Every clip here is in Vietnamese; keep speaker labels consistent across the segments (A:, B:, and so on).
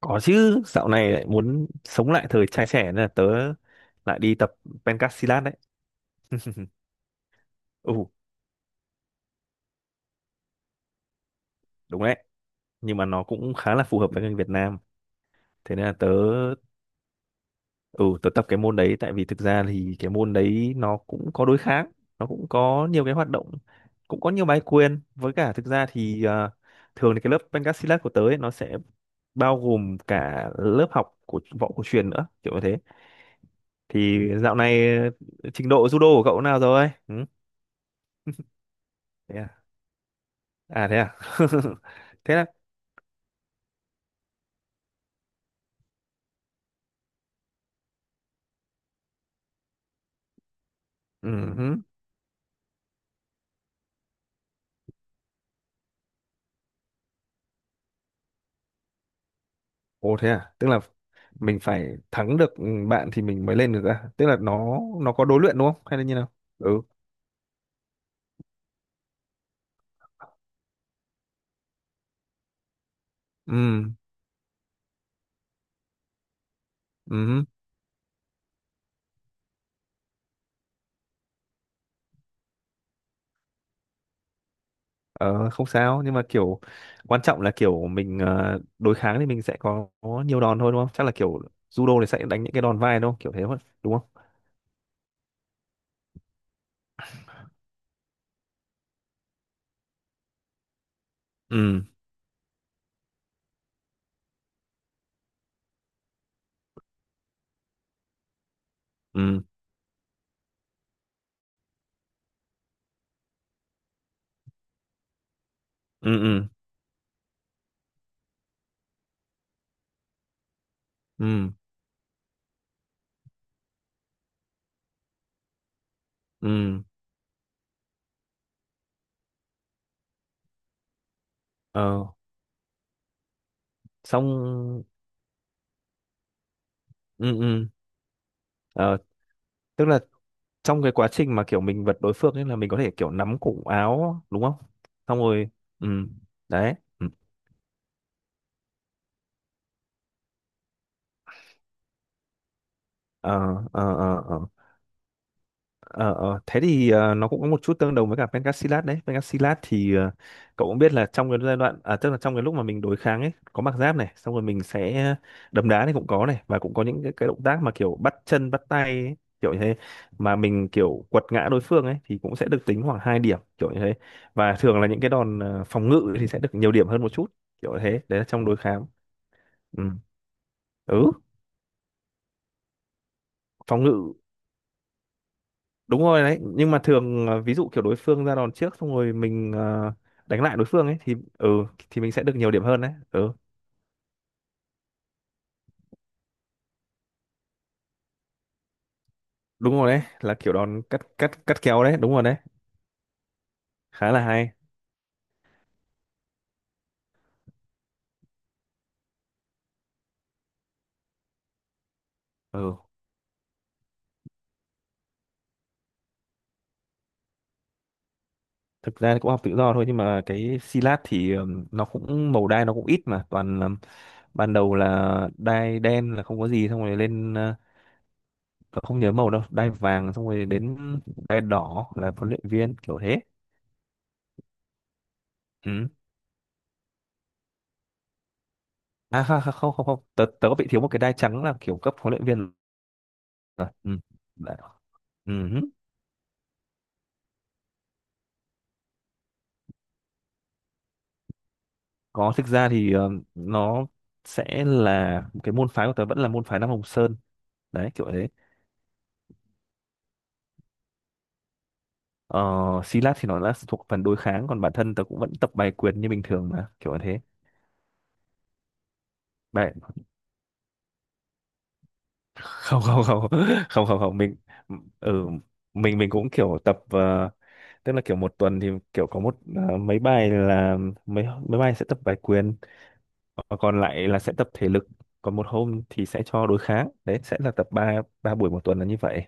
A: Có chứ, dạo này lại muốn sống lại thời trai trẻ nên là tớ lại đi tập pencak silat đấy. Ừ, đúng đấy, nhưng mà nó cũng khá là phù hợp với người Việt Nam. Thế nên là tớ tập cái môn đấy tại vì thực ra thì cái môn đấy nó cũng có đối kháng, nó cũng có nhiều cái hoạt động, cũng có nhiều bài quyền. Với cả thực ra thì thường thì cái lớp pencak silat của tớ ấy, nó sẽ bao gồm cả lớp học của võ cổ truyền nữa, kiểu như thế. Thì dạo này trình độ judo của cậu nào rồi? Ừ. À thế à? Thế là ừ hứ. Ồ thế à? Tức là mình phải thắng được bạn thì mình mới lên được à? Tức là nó có đối luyện đúng không? Hay là như nào? Ừ. Ừ. Ừ. Ờ không sao, nhưng mà kiểu quan trọng là kiểu mình đối kháng thì mình sẽ có nhiều đòn thôi đúng không? Chắc là kiểu judo thì sẽ đánh những cái đòn vai đúng không? Kiểu thế thôi, đúng không? Ừ. Ừ. Ừ ừ. Ừ. Ừ. Ờ xong ừ ừ. Ờ, tức là trong cái quá trình mà kiểu mình vật đối phương ấy, là mình có thể kiểu nắm cổ áo đúng không? Xong rồi. Ừ đấy ừ. Ờ ờ ờ ờ. Ờ, ờ, thế thì nó cũng có một chút tương đồng với cả Pencastilat đấy. Pencastilat thì cậu cũng biết là trong cái giai đoạn, à, tức là trong cái lúc mà mình đối kháng ấy, có mặc giáp này, xong rồi mình sẽ đấm đá này cũng có này, và cũng có những cái động tác mà kiểu bắt chân, bắt tay ấy, kiểu như thế, mà mình kiểu quật ngã đối phương ấy thì cũng sẽ được tính khoảng 2 điểm kiểu như thế. Và thường là những cái đòn phòng ngự thì sẽ được nhiều điểm hơn một chút kiểu thế. Đấy là trong đối kháng. Ừ, ừ, phòng ngự đúng rồi đấy, nhưng mà thường ví dụ kiểu đối phương ra đòn trước xong rồi mình đánh lại đối phương ấy thì thì mình sẽ được nhiều điểm hơn đấy. Ừ, đúng rồi, đấy là kiểu đòn cắt cắt cắt kéo đấy, đúng rồi đấy. Khá là hay. Ừ, thực ra thì cũng học tự do thôi, nhưng mà cái silat thì nó cũng màu đai nó cũng ít, mà toàn là- ban đầu là đai đen là không có gì, xong rồi lên tôi không nhớ màu đâu, đai vàng xong rồi đến đai đỏ là huấn luyện viên, kiểu thế. Ừ. À, không không không không không. Tớ tớ có bị thiếu một cái đai trắng là kiểu cấp huấn luyện viên. Rồi, ừ, đã- ừ hứ. Có, thực ra thì nó sẽ là cái môn phái của tớ vẫn là môn phái Nam Hồng Sơn đấy, kiểu thế. Ờ, Xí lát thì nó là thuộc phần đối kháng, còn bản thân tớ cũng vẫn tập bài quyền như bình thường, mà kiểu như thế. Bài. Không không không. Không không không mình. Ừ, mình cũng kiểu tập tức là kiểu một tuần thì kiểu có một mấy bài là mấy mấy bài sẽ tập bài quyền, và còn lại là sẽ tập thể lực, còn một hôm thì sẽ cho đối kháng đấy, sẽ là tập ba ba buổi một tuần là như vậy.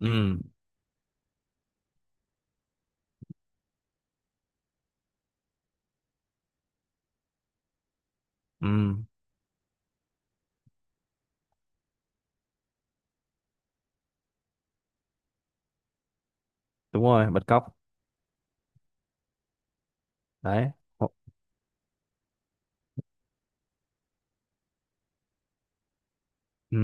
A: Ừ ừ, đúng rồi, bật cóc đấy. Ồ, ừ,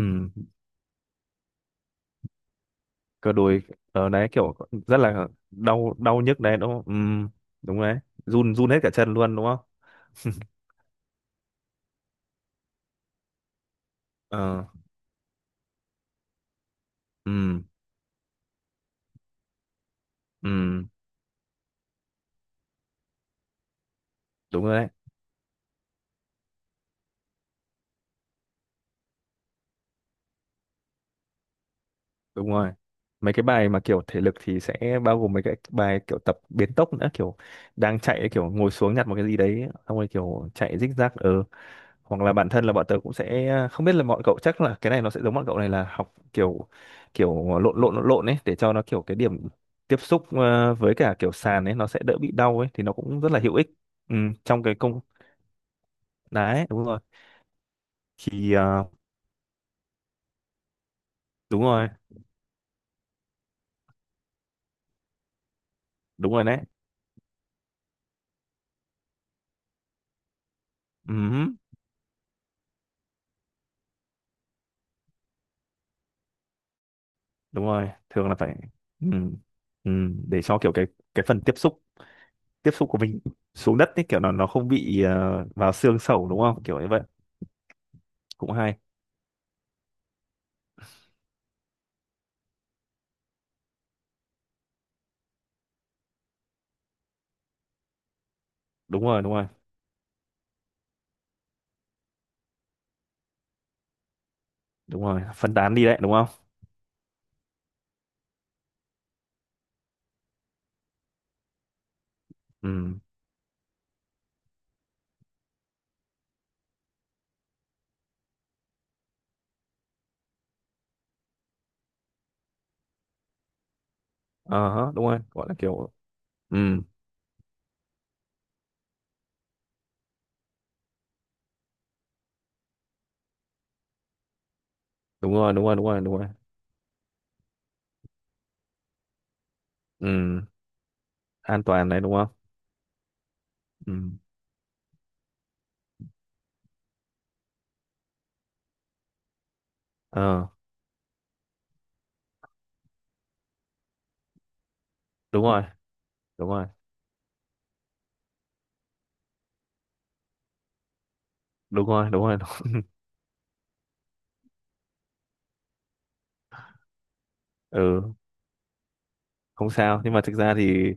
A: cơ đùi ở đấy kiểu rất là đau, đau nhức đấy đúng không? Ừ, đúng đấy. Run run hết cả chân luôn đúng không? Ờ, ừ ừ, đúng rồi đấy, đúng rồi. Mấy cái bài mà kiểu thể lực thì sẽ bao gồm mấy cái bài kiểu tập biến tốc nữa, kiểu đang chạy kiểu ngồi xuống nhặt một cái gì đấy, xong rồi kiểu chạy rích rác. Hoặc là bản thân là bọn tớ cũng sẽ không biết là bọn cậu, chắc là cái này nó sẽ giống bọn cậu, này là học kiểu kiểu lộn lộn ấy để cho nó kiểu cái điểm tiếp xúc với cả kiểu sàn ấy, nó sẽ đỡ bị đau ấy, thì nó cũng rất là hữu ích. Ừ, trong cái công đấy, đúng rồi. Thì đúng rồi đúng rồi đấy. Ừ, đúng rồi, thường là phải. Ừ, ừ, để cho kiểu cái phần tiếp xúc của mình xuống đất ấy, kiểu nó không bị vào xương sẩu đúng không, kiểu như vậy. Cũng hay, đúng rồi đúng rồi đúng rồi, phân tán đi đấy đúng không? Ừ. Ờ hả, đúng rồi, gọi là kiểu. Ừ, đúng rồi đúng rồi đúng rồi đúng rồi. Ừ, an toàn đấy đúng không? Ừ. Ờ, đúng rồi đúng rồi đúng rồi đúng rồi. Ừ, không sao, nhưng mà thực ra thì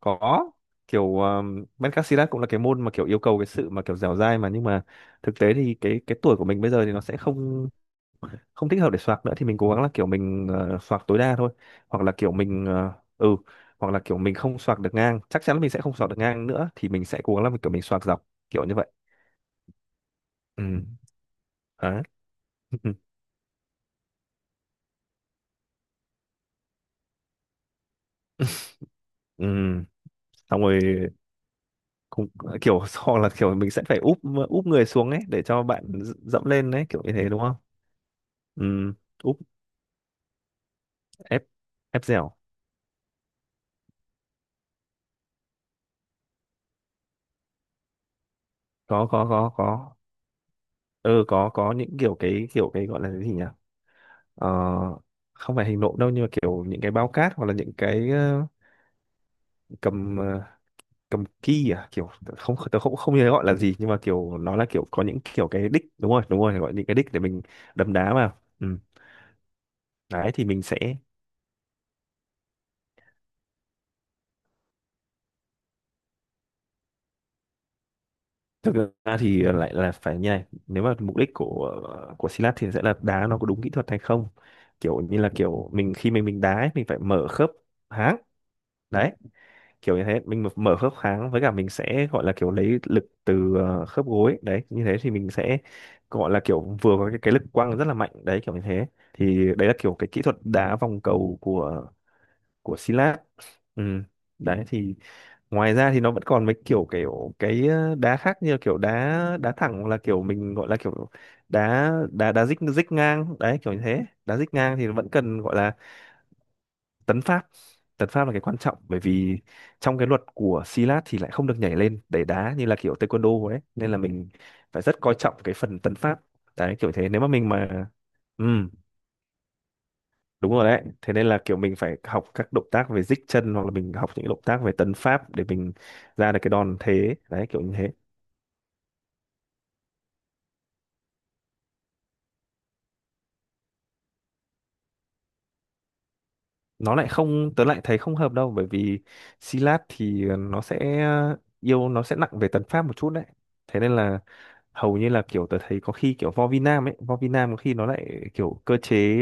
A: có, kiểu Mencasilat cũng là cái môn mà kiểu yêu cầu cái sự mà kiểu dẻo dai mà, nhưng mà thực tế thì cái tuổi của mình bây giờ thì nó sẽ không không thích hợp để soạc nữa, thì mình cố gắng là kiểu mình soạc tối đa thôi. Hoặc là kiểu mình ừ, hoặc là kiểu mình không soạc được ngang, chắc chắn là mình sẽ không soạc được ngang nữa, thì mình sẽ cố gắng là kiểu mình soạc dọc, kiểu như vậy. Ừ, đấy. Ừ, xong rồi cũng kiểu. Hoặc là kiểu mình sẽ phải úp úp người xuống ấy để cho bạn dẫm lên đấy, kiểu như thế đúng không? Ừ, úp, ép ép dẻo. Có có có. Ừ, có những kiểu cái gọi là cái gì nhỉ? Ờ, không phải hình nộm đâu, nhưng mà kiểu những cái bao cát hoặc là những cái cầm ờ, cầm ki à, kiểu không, tớ không không nhớ gọi là gì, nhưng mà kiểu nó là kiểu có những kiểu cái đích, đúng rồi đúng rồi, gọi những cái đích để mình đấm đá vào. Ừ. Đấy thì mình sẽ, thực ra thì lại là phải như này, nếu mà mục đích của Silat thì sẽ là đá nó có đúng kỹ thuật hay không, kiểu như là kiểu mình khi mình đá ấy, mình phải mở khớp háng đấy, kiểu như thế mình mở khớp háng, với cả mình sẽ gọi là kiểu lấy lực từ khớp gối đấy, như thế thì mình sẽ gọi là kiểu vừa có cái lực quăng rất là mạnh đấy, kiểu như thế thì đấy là kiểu cái kỹ thuật đá vòng cầu của Hy Lạp. Ừ, đấy thì ngoài ra thì nó vẫn còn mấy kiểu kiểu cái đá khác, như là kiểu đá đá thẳng, hoặc là kiểu mình gọi là kiểu đá đá đá dích dích ngang đấy, kiểu như thế đá dích ngang thì vẫn cần gọi là tấn pháp. Tấn pháp là cái quan trọng, bởi vì trong cái luật của Xi Lát thì lại không được nhảy lên để đá như là kiểu taekwondo ấy, nên là mình phải rất coi trọng cái phần tấn pháp đấy, kiểu thế nếu mà mình mà ừ. Đúng rồi đấy. Thế nên là kiểu mình phải học các động tác về dích chân, hoặc là mình học những động tác về tấn pháp để mình ra được cái đòn thế. Đấy, kiểu như thế. Nó lại không, tớ lại thấy không hợp đâu, bởi vì Silat thì nó sẽ nặng về tấn pháp một chút đấy. Thế nên là hầu như là kiểu tớ thấy có khi kiểu Võ Vi Nam ấy, Võ Vi Nam có khi nó lại kiểu cơ chế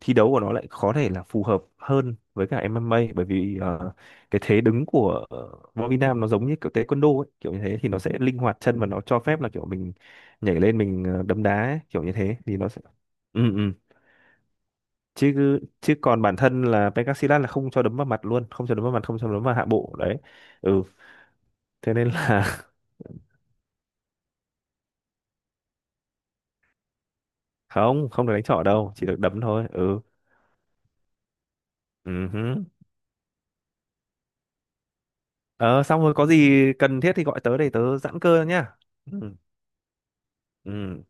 A: thi đấu của nó lại có thể là phù hợp hơn với cả MMA, bởi vì cái thế đứng của võ Việt Nam nó giống như kiểu taekwondo ấy, kiểu như thế thì nó sẽ linh hoạt chân và nó cho phép là kiểu mình nhảy lên, mình đấm đá ấy, kiểu như thế thì nó sẽ, ừ ừ, chứ chứ còn bản thân là Pencak là không cho đấm vào mặt luôn, không cho đấm vào mặt, không cho đấm vào hạ bộ đấy. Ừ, thế nên là không không được đánh trỏ đâu, chỉ được đấm thôi. Ừ ừ hứ. Ờ, xong rồi có gì cần thiết thì gọi tớ để tớ giãn cơ nhá. Ừ ừ